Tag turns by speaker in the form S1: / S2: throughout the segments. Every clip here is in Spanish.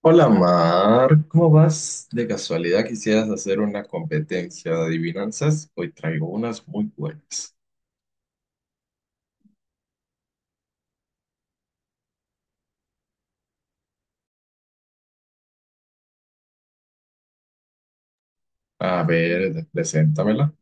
S1: Hola Mar, ¿cómo vas? De casualidad quisieras hacer una competencia de adivinanzas. Hoy traigo unas muy buenas. A ver, preséntamela.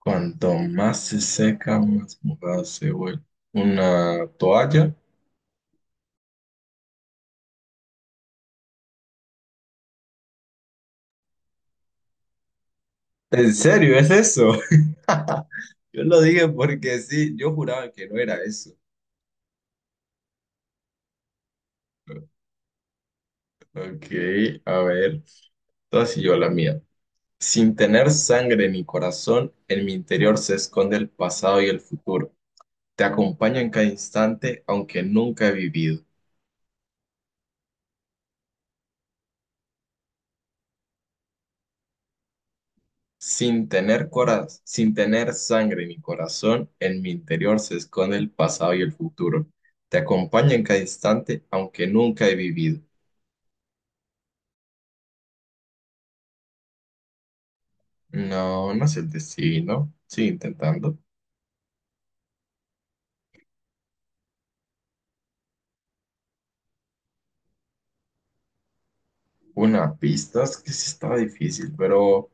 S1: Cuanto más se seca, más mojada se vuelve. Una toalla. ¿En serio es eso? Yo lo dije porque sí, yo juraba que no era eso. Ok, a ver, entonces yo la mía. Sin tener sangre ni corazón, en mi interior se esconde el pasado y el futuro. Te acompaña en cada instante, aunque nunca he vivido. Sin tener sangre ni corazón, en mi interior se esconde el pasado y el futuro. Te acompaña en cada instante, aunque nunca he vivido. No, no es el destino. Sigue intentando. Una pista es que sí estaba difícil, pero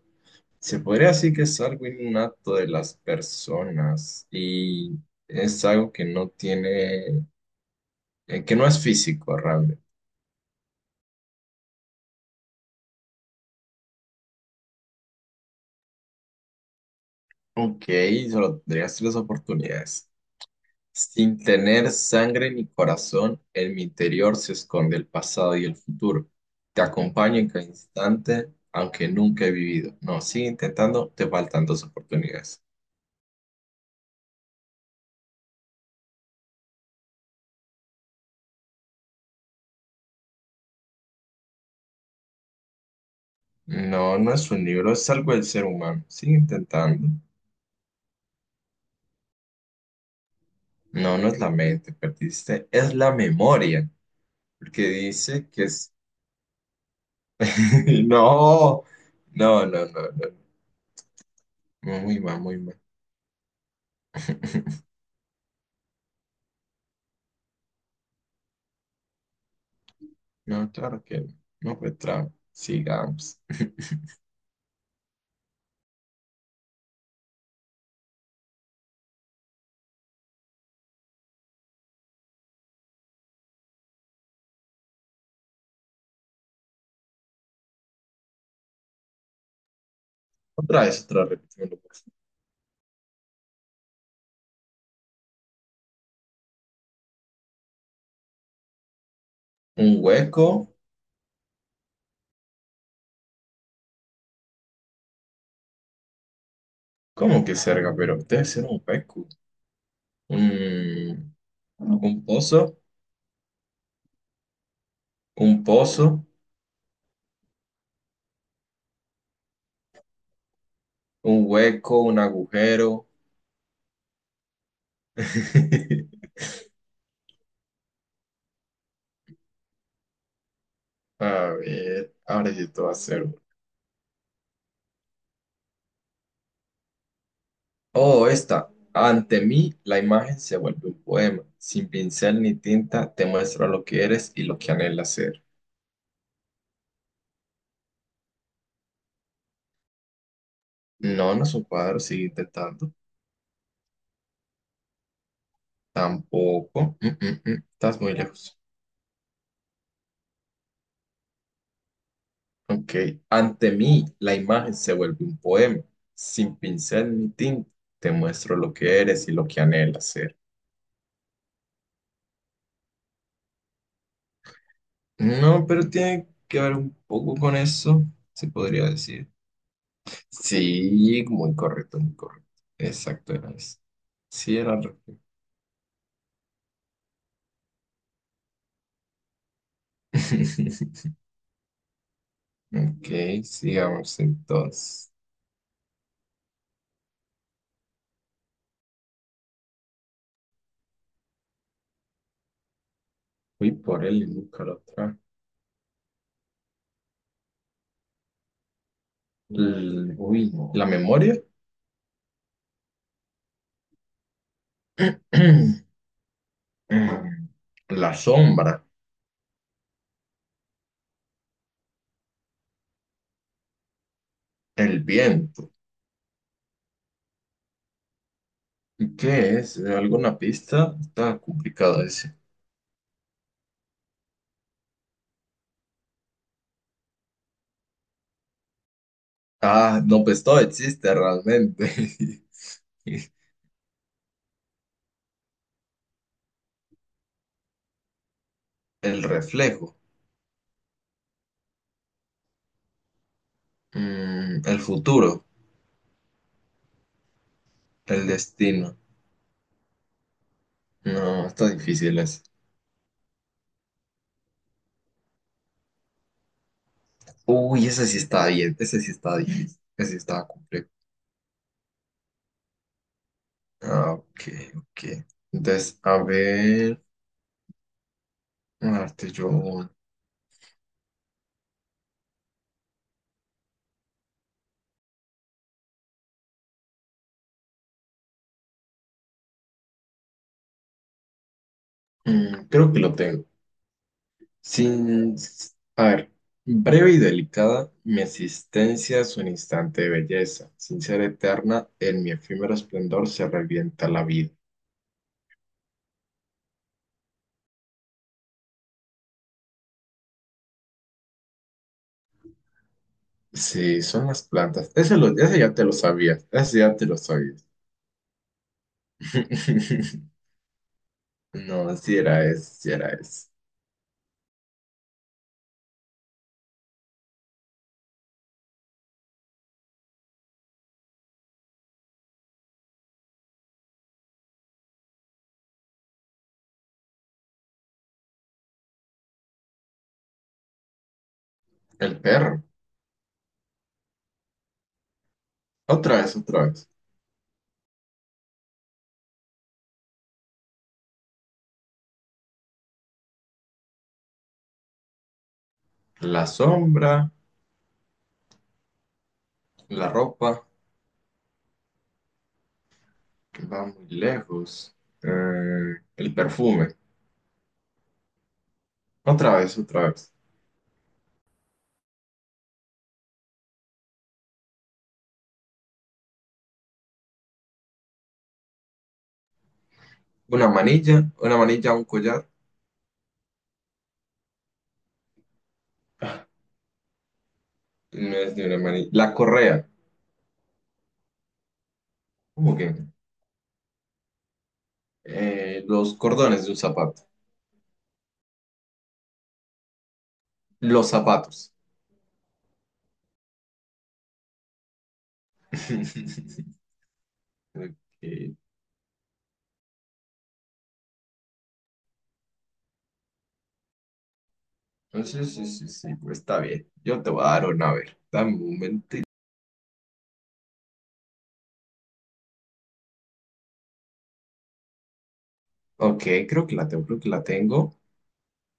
S1: se podría decir que es algo innato de las personas y es algo que no tiene, que no es físico realmente. Ok, solo tendrías tres oportunidades. Sin tener sangre ni corazón, en mi interior se esconde el pasado y el futuro. Te acompaño en cada instante, aunque nunca he vivido. No, sigue intentando, te faltan dos oportunidades. No, no es un libro, es algo del ser humano. Sigue intentando. No, no es la mente, perdiste. Es la memoria, porque dice que es... No, no, no, no, no. Muy mal, muy mal. No, claro que no. No fue trap. Sigamos. Otra vez, otra repetimos. Un hueco. ¿Cómo que cerca? Pero ustedes hicieron un hueco. Un, un pozo. Un pozo. Un hueco. Un agujero. A ver. Ahora sí te va a hacer. Oh, esta. Ante mí, la imagen se vuelve un poema. Sin pincel ni tinta, te muestro lo que eres y lo que anhelas ser. No, no es un cuadro, sigue intentando. Tampoco. Mm. Estás muy lejos. Ok. Ante mí, la imagen se vuelve un poema. Sin pincel ni tinta, te muestro lo que eres y lo que anhelas ser. No, pero tiene que ver un poco con eso, se podría decir. Sí, muy correcto, muy correcto. Exacto, era eso. Sí, era al revés. Ok, sigamos entonces. Uy, por él y nunca lo trae. Uy, no. ¿La memoria? mm, la sombra, el viento. ¿Y qué es? ¿Alguna pista? Está complicado ese. Ah, no, pues todo existe realmente. El reflejo, el futuro, el destino. No, está difícil ese. Uy, ese sí está bien, ese sí está difícil, ese sí está complejo. Ah, ok, ok. Entonces, a ver, a darte yo. Creo que lo tengo. Sin, A ver, breve y delicada, mi existencia es un instante de belleza. Sin ser eterna, en mi efímero esplendor se revienta la vida. Sí, son las plantas. Ese ya te lo sabías. Ese ya te lo sabías. No, si era ese, si era ese. El perro. Otra vez, otra vez. La sombra, la ropa, va muy lejos. El perfume. Otra vez, otra vez. Un collar. No es ni una mani- La correa. ¿Cómo que? Los cordones de un zapato. Los zapatos. Ok. Entonces, sí, sí, sí, pues está bien. Yo te voy a dar una, a ver. Dame un momento. Ok, creo que la tengo, creo que la tengo.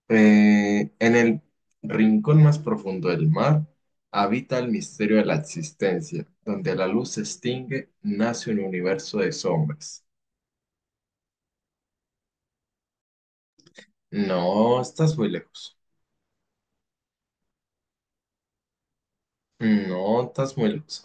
S1: En el rincón más profundo del mar habita el misterio de la existencia. Donde la luz se extingue, nace un universo de sombras. No, estás muy lejos. No, estás muy lejos.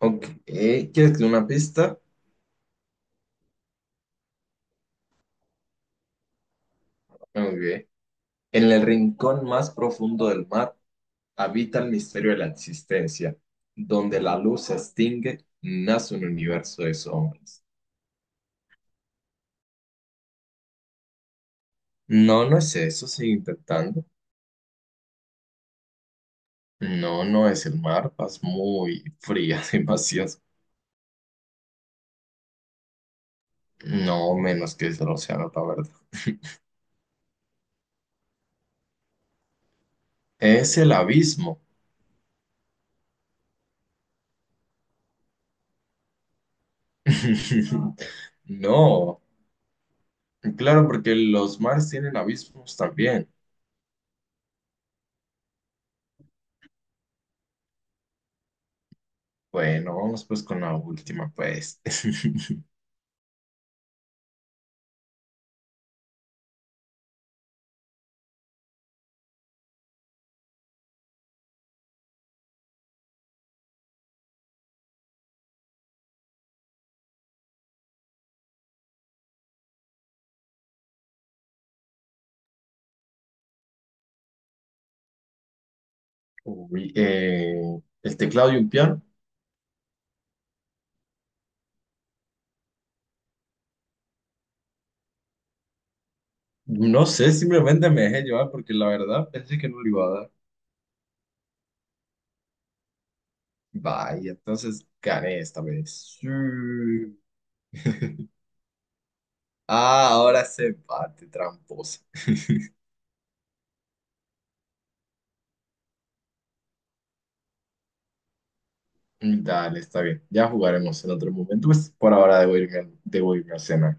S1: Ok, ¿quieres que una pista? Ok. En el rincón más profundo del mar habita el misterio de la existencia. Donde la luz se extingue, nace un universo de sombras. No, no es eso, sigue intentando. No, no es el mar, vas muy fría, demasiado. No, menos que es el océano, la verdad. Es el abismo. No, claro, porque los mares tienen abismos también. Bueno, vamos pues con la última, pues. Uy, el teclado y un piano. No sé, simplemente me dejé llevar porque la verdad pensé que no le iba a dar. Vaya, entonces gané esta vez. Sí. Ah, ahora se empate, tramposa. Dale, está bien. Ya jugaremos en otro momento. Pues por ahora debo irme, debo irme a cenar.